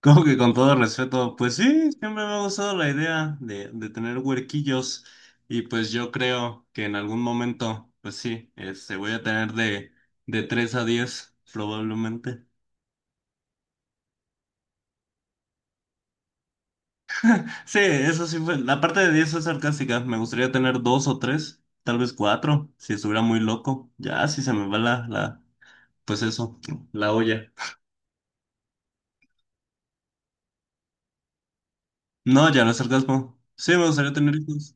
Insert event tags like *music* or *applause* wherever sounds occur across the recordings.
Como que con todo respeto, pues sí, siempre me ha gustado la idea de tener huerquillos y pues yo creo que en algún momento, pues sí, voy a tener de 3 a 10 probablemente. *laughs* Sí, eso sí fue, la parte de 10 es sarcástica. Me gustaría tener dos o tres, tal vez cuatro, si estuviera muy loco, ya si se me va pues eso, la olla. No, ya no es sarcasmo, sí, me gustaría tener hijos.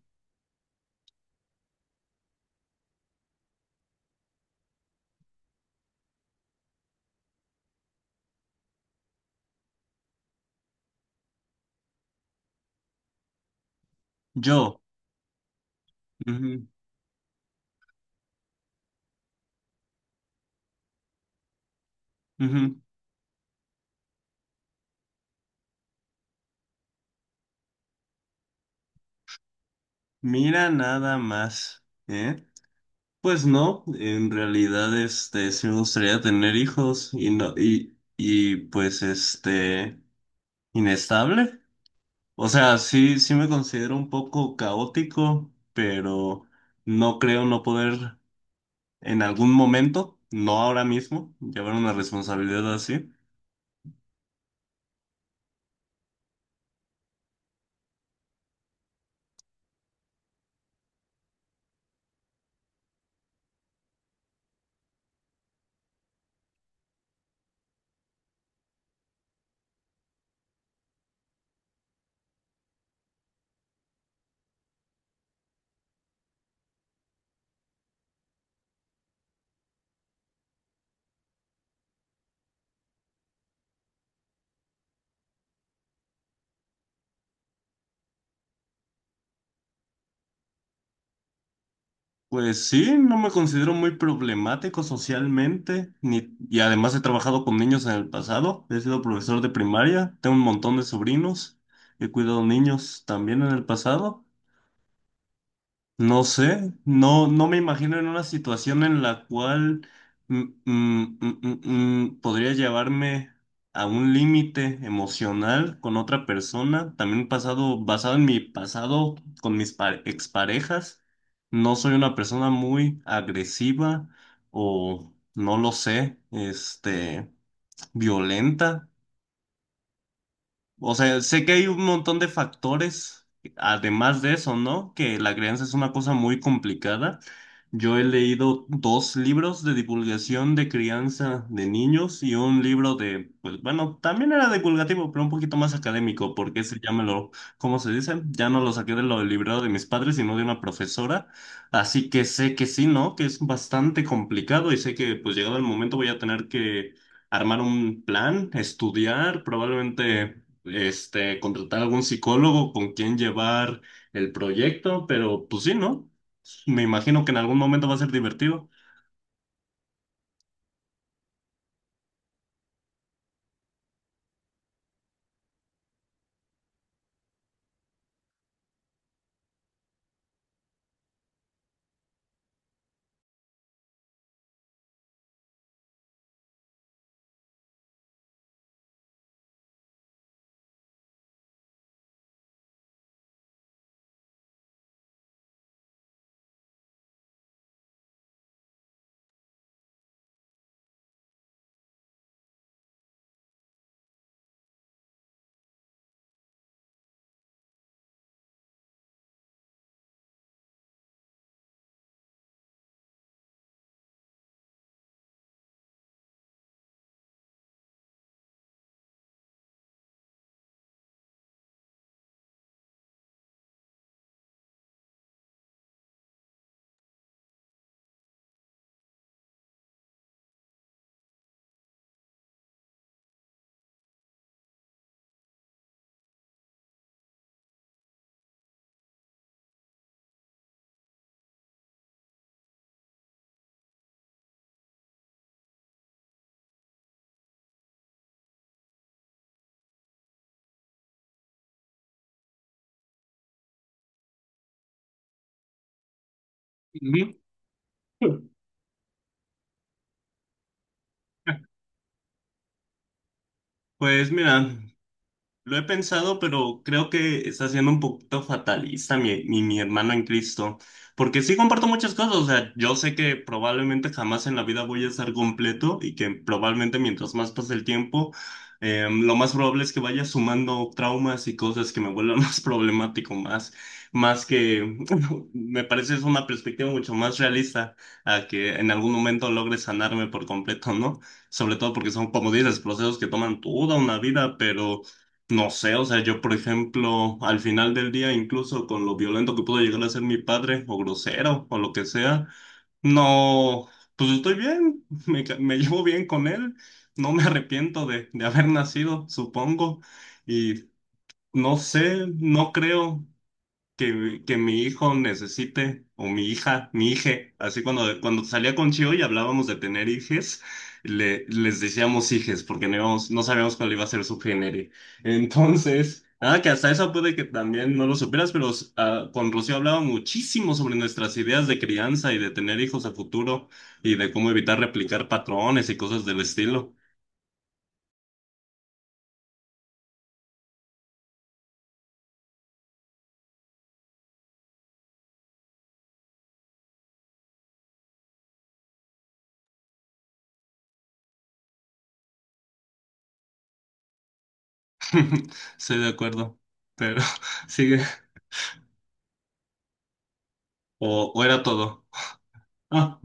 Yo, ujú, ujú. Mira nada más, ¿eh? Pues no, en realidad sí me gustaría tener hijos y no y pues inestable. O sea, sí sí me considero un poco caótico, pero no creo no poder en algún momento, no ahora mismo, llevar una responsabilidad así. Pues sí, no me considero muy problemático socialmente, ni, y además he trabajado con niños en el pasado, he sido profesor de primaria, tengo un montón de sobrinos, he cuidado niños también en el pasado, no sé, no, no me imagino en una situación en la cual mm, mm, mm, podría llevarme a un límite emocional con otra persona, basado en mi pasado con mis exparejas. No soy una persona muy agresiva o no lo sé, violenta. O sea, sé que hay un montón de factores, además de eso, ¿no? Que la crianza es una cosa muy complicada. Yo he leído dos libros de divulgación de crianza de niños y un libro de, pues bueno, también era divulgativo, pero un poquito más académico, porque ese ya me lo, ¿cómo se dice? Ya no lo saqué de lo del librero de mis padres, sino de una profesora. Así que sé que sí, ¿no? Que es bastante complicado y sé que pues llegado el momento voy a tener que armar un plan, estudiar, probablemente contratar algún psicólogo con quien llevar el proyecto, pero pues sí, ¿no? Me imagino que en algún momento va a ser divertido. Ujú. *laughs* Pues mira. Lo he pensado, pero creo que está siendo un poquito fatalista mi hermano en Cristo, porque sí comparto muchas cosas, o sea, yo sé que probablemente jamás en la vida voy a estar completo y que probablemente mientras más pase el tiempo, lo más probable es que vaya sumando traumas y cosas que me vuelvan *laughs* más problemático, más, más que, *laughs* me parece es una perspectiva mucho más realista a que en algún momento logre sanarme por completo, ¿no? Sobre todo porque son, como dices, procesos que toman toda una vida, pero. No sé, o sea, yo por ejemplo, al final del día, incluso con lo violento que pudo llegar a ser mi padre, o grosero, o lo que sea, no, pues estoy bien, *laughs* me llevo bien con él, no me arrepiento de haber nacido, supongo, y no sé, no creo que mi hijo necesite, o mi hija, mi hije, así cuando salía con Chio y hablábamos de tener hijes, les decíamos hijes, porque no, no sabíamos cuál iba a ser su género. Entonces, nada, que hasta eso puede que también no lo supieras, pero con Rocío hablaba muchísimo sobre nuestras ideas de crianza y de tener hijos a futuro, y de cómo evitar replicar patrones y cosas del estilo. *laughs* Estoy de acuerdo, pero *laughs* sigue, o era todo. Ah.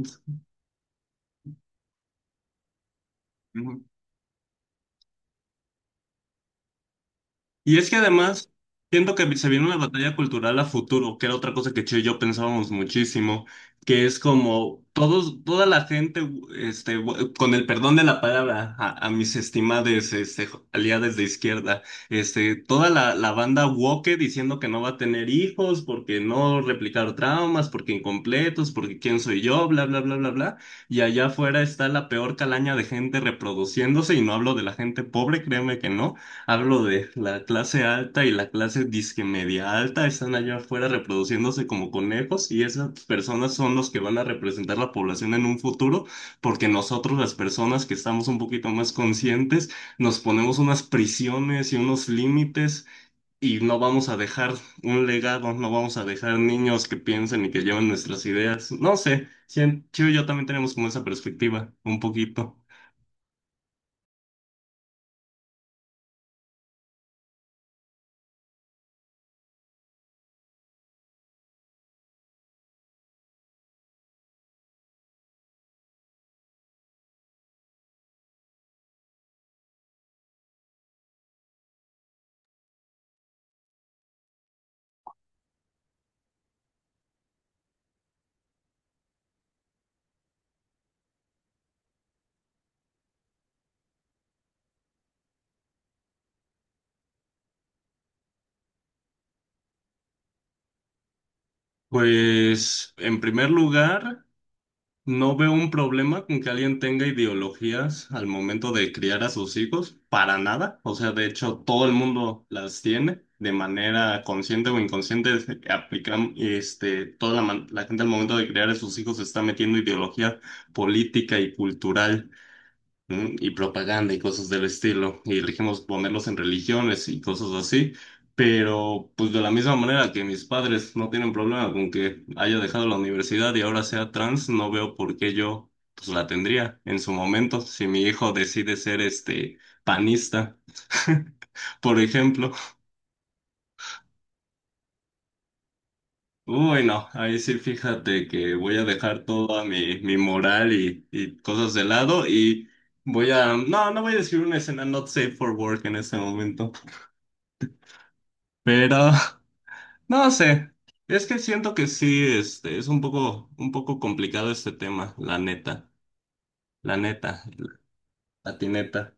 Y es que además siento que se viene una batalla cultural a futuro, que era otra cosa que Che y yo pensábamos muchísimo, que es como todos, toda la gente, con el perdón de la palabra, a mis estimades aliadas de izquierda, toda la banda woke diciendo que no va a tener hijos, porque no replicar traumas, porque incompletos, porque quién soy yo, bla, bla, bla, bla, bla. Y allá afuera está la peor calaña de gente reproduciéndose, y no hablo de la gente pobre, créeme que no. Hablo de la clase alta y la clase disque media alta están allá afuera reproduciéndose como conejos y esas personas son los que van a representar la población en un futuro porque nosotros las personas que estamos un poquito más conscientes nos ponemos unas prisiones y unos límites y no vamos a dejar un legado, no vamos a dejar niños que piensen y que lleven nuestras ideas. No sé, si Chivo y yo también tenemos como esa perspectiva, un poquito. Pues en primer lugar. No veo un problema con que alguien tenga ideologías al momento de criar a sus hijos, para nada. O sea, de hecho, todo el mundo las tiene de manera consciente o inconsciente. Se Aplican, este, toda la, man- La gente al momento de criar a sus hijos se está metiendo ideología política y cultural, ¿no? Y propaganda y cosas del estilo, y elegimos ponerlos en religiones y cosas así, pero pues de la misma manera que mis padres no tienen problema con que haya dejado la universidad y ahora sea trans, no veo por qué yo pues la tendría en su momento, si mi hijo decide ser panista, *laughs* por ejemplo. Uy, no, ahí sí fíjate que voy a dejar toda mi moral y cosas de lado y voy a. No, no voy a decir una escena not safe for work en este momento, pero *laughs* no sé, es que siento que sí, es un poco complicado este tema, la neta, la neta, la patineta.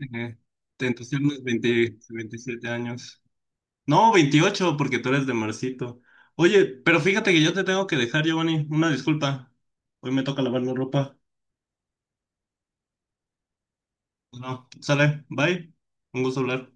Ujú. Te entusiasmas 20, 27 años. No, 28, porque tú eres de Marcito. Oye, pero fíjate que yo te tengo que dejar, Giovanni. Una disculpa. Hoy me toca lavar la ropa. No, sale. Bye. Un gusto hablar.